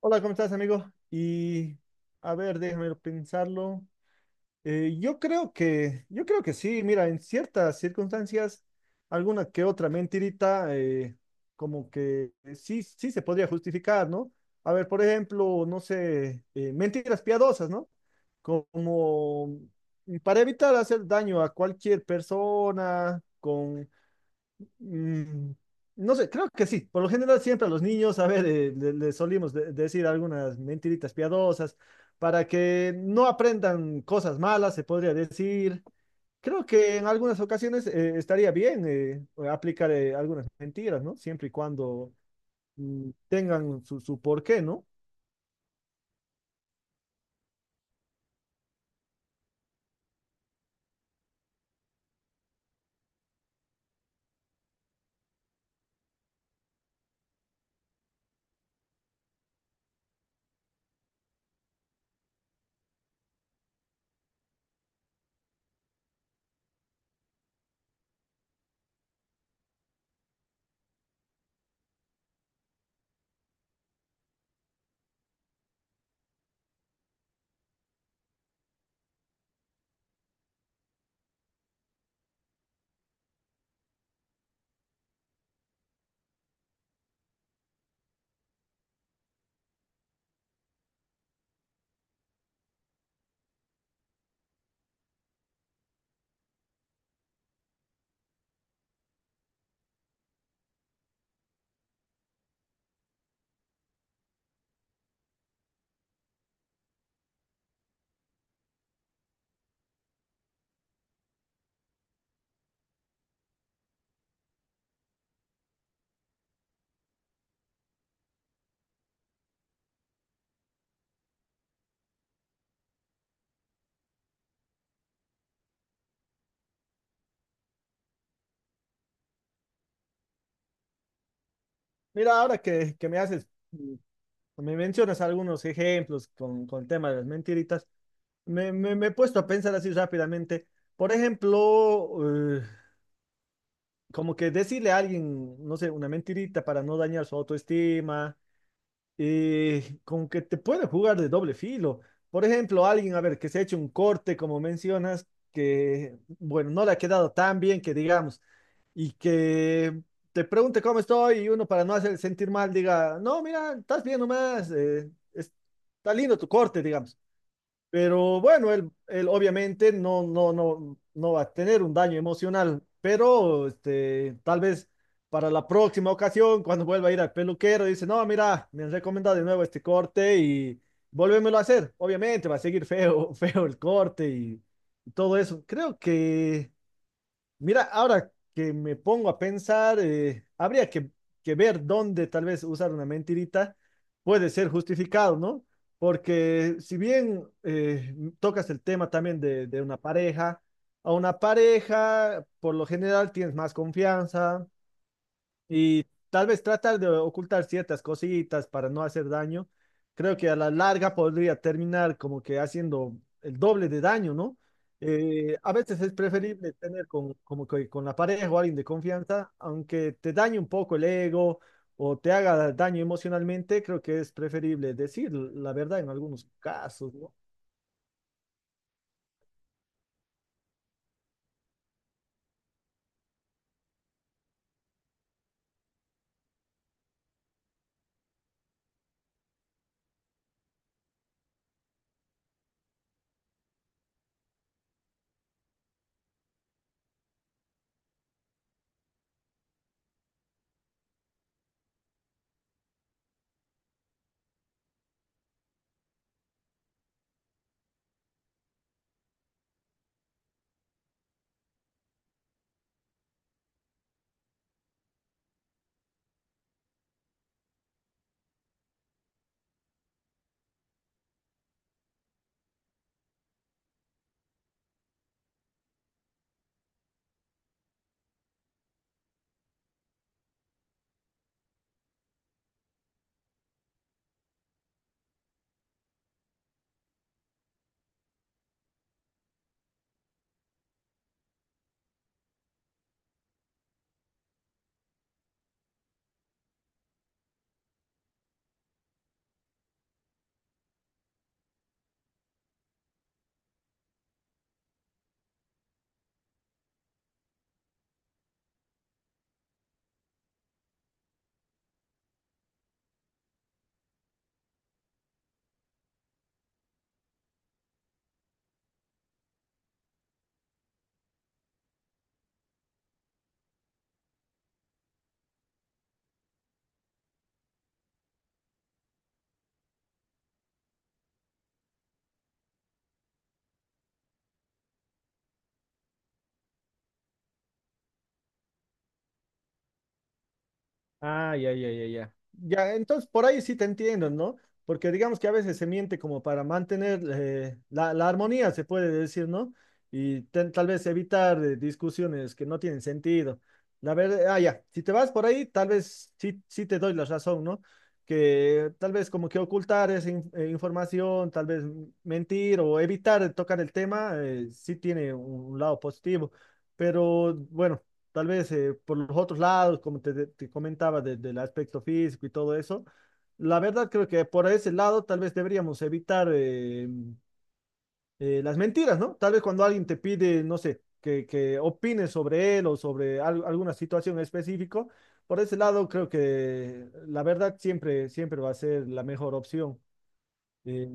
Hola, ¿cómo estás, amigo? Y a ver, déjame pensarlo. Yo creo que sí, mira, en ciertas circunstancias, alguna que otra mentirita, como que sí, sí se podría justificar, ¿no? A ver, por ejemplo, no sé, mentiras piadosas, ¿no? Como para evitar hacer daño a cualquier persona, con Mm, no sé, creo que sí. Por lo general siempre a los niños, a ver, le solimos decir algunas mentiritas piadosas para que no aprendan cosas malas, se podría decir. Creo que en algunas ocasiones estaría bien aplicar algunas mentiras, ¿no? Siempre y cuando tengan su porqué, ¿no? Mira, ahora que me haces, me mencionas algunos ejemplos con el tema de las mentiritas, me he puesto a pensar así rápidamente. Por ejemplo, como que decirle a alguien, no sé, una mentirita para no dañar su autoestima, como que te puede jugar de doble filo. Por ejemplo, alguien, a ver, que se ha hecho un corte, como mencionas, que, bueno, no le ha quedado tan bien que digamos, y que te pregunte cómo estoy y uno para no hacer sentir mal diga, no, mira, estás bien nomás, está lindo tu corte, digamos. Pero bueno, él obviamente no va a tener un daño emocional, pero este, tal vez para la próxima ocasión, cuando vuelva a ir al peluquero, dice, no, mira, me han recomendado de nuevo este corte y volvémoslo a hacer. Obviamente va a seguir feo, feo el corte y todo eso. Creo que Mira, ahora que me pongo a pensar, habría que ver dónde tal vez usar una mentirita puede ser justificado, ¿no? Porque si bien tocas el tema también de una pareja, a una pareja por lo general tienes más confianza, y tal vez tratar de ocultar ciertas cositas para no hacer daño, creo que a la larga podría terminar como que haciendo el doble de daño, ¿no? A veces es preferible tener con, como que con la pareja o alguien de confianza, aunque te dañe un poco el ego o te haga daño emocionalmente, creo que es preferible decir la verdad en algunos casos, ¿no? Ah, ya, ya, ya, ya. Ya, entonces por ahí sí te entiendo, ¿no? Porque digamos que a veces se miente como para mantener la armonía, se puede decir, ¿no? Y tal vez evitar discusiones que no tienen sentido. La verdad, ah, ya, si te vas por ahí, tal vez sí, sí te doy la razón, ¿no? Que tal vez como que ocultar esa información, tal vez mentir o evitar tocar el tema, sí tiene un lado positivo. Pero bueno, tal vez por los otros lados, como te comentaba, del aspecto físico y todo eso. La verdad creo que por ese lado tal vez deberíamos evitar las mentiras, ¿no? Tal vez cuando alguien te pide, no sé, que opines sobre él o sobre alguna situación específica, por ese lado creo que la verdad siempre, siempre va a ser la mejor opción. Eh,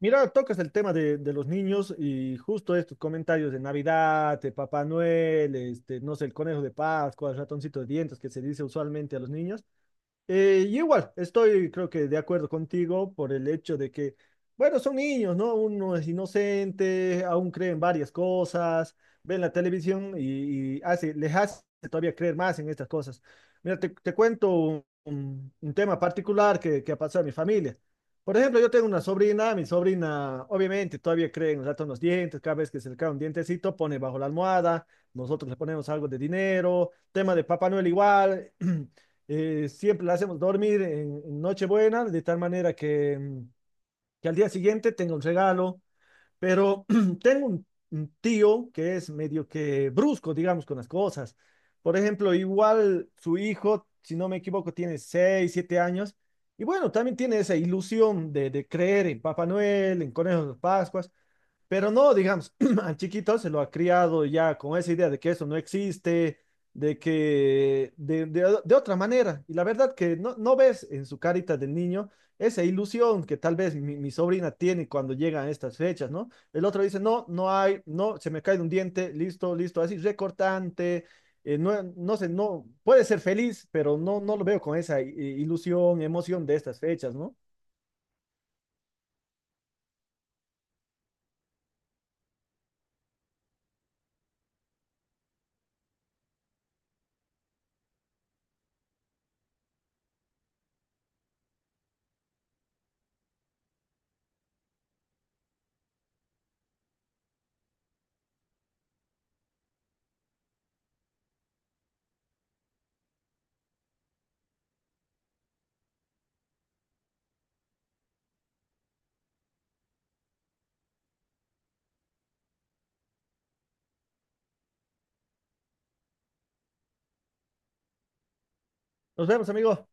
Mira, tocas el tema de los niños y justo estos comentarios de Navidad, de Papá Noel, este, no sé, el conejo de Pascua, el ratoncito de dientes que se dice usualmente a los niños. Y igual, estoy creo que de acuerdo contigo por el hecho de que, bueno, son niños, ¿no? Uno es inocente, aún creen varias cosas, ven la televisión y les hace todavía creer más en estas cosas. Mira, te cuento un, un tema particular que ha pasado en mi familia. Por ejemplo, yo tengo una sobrina, mi sobrina obviamente todavía cree en el gato en los dientes, cada vez que se le cae un dientecito pone bajo la almohada, nosotros le ponemos algo de dinero, tema de Papá Noel igual. Siempre la hacemos dormir en Nochebuena, de tal manera que, que al día siguiente tenga un regalo, pero tengo un tío que es medio que brusco, digamos, con las cosas. Por ejemplo, igual su hijo, si no me equivoco, tiene 6 7 años, y bueno, también tiene esa ilusión de, creer en Papá Noel, en conejos de Pascuas. Pero no, digamos, al chiquito se lo ha criado ya con esa idea de que eso no existe, de que de otra manera. Y la verdad que no ves en su carita del niño esa ilusión que tal vez mi sobrina tiene cuando llegan estas fechas, ¿no? El otro dice, no, no hay, no, se me cae un diente, listo, listo, así recortante, no, no sé, no, puede ser feliz, pero no, no lo veo con esa ilusión, emoción de estas fechas, ¿no? Nos vemos, amigo.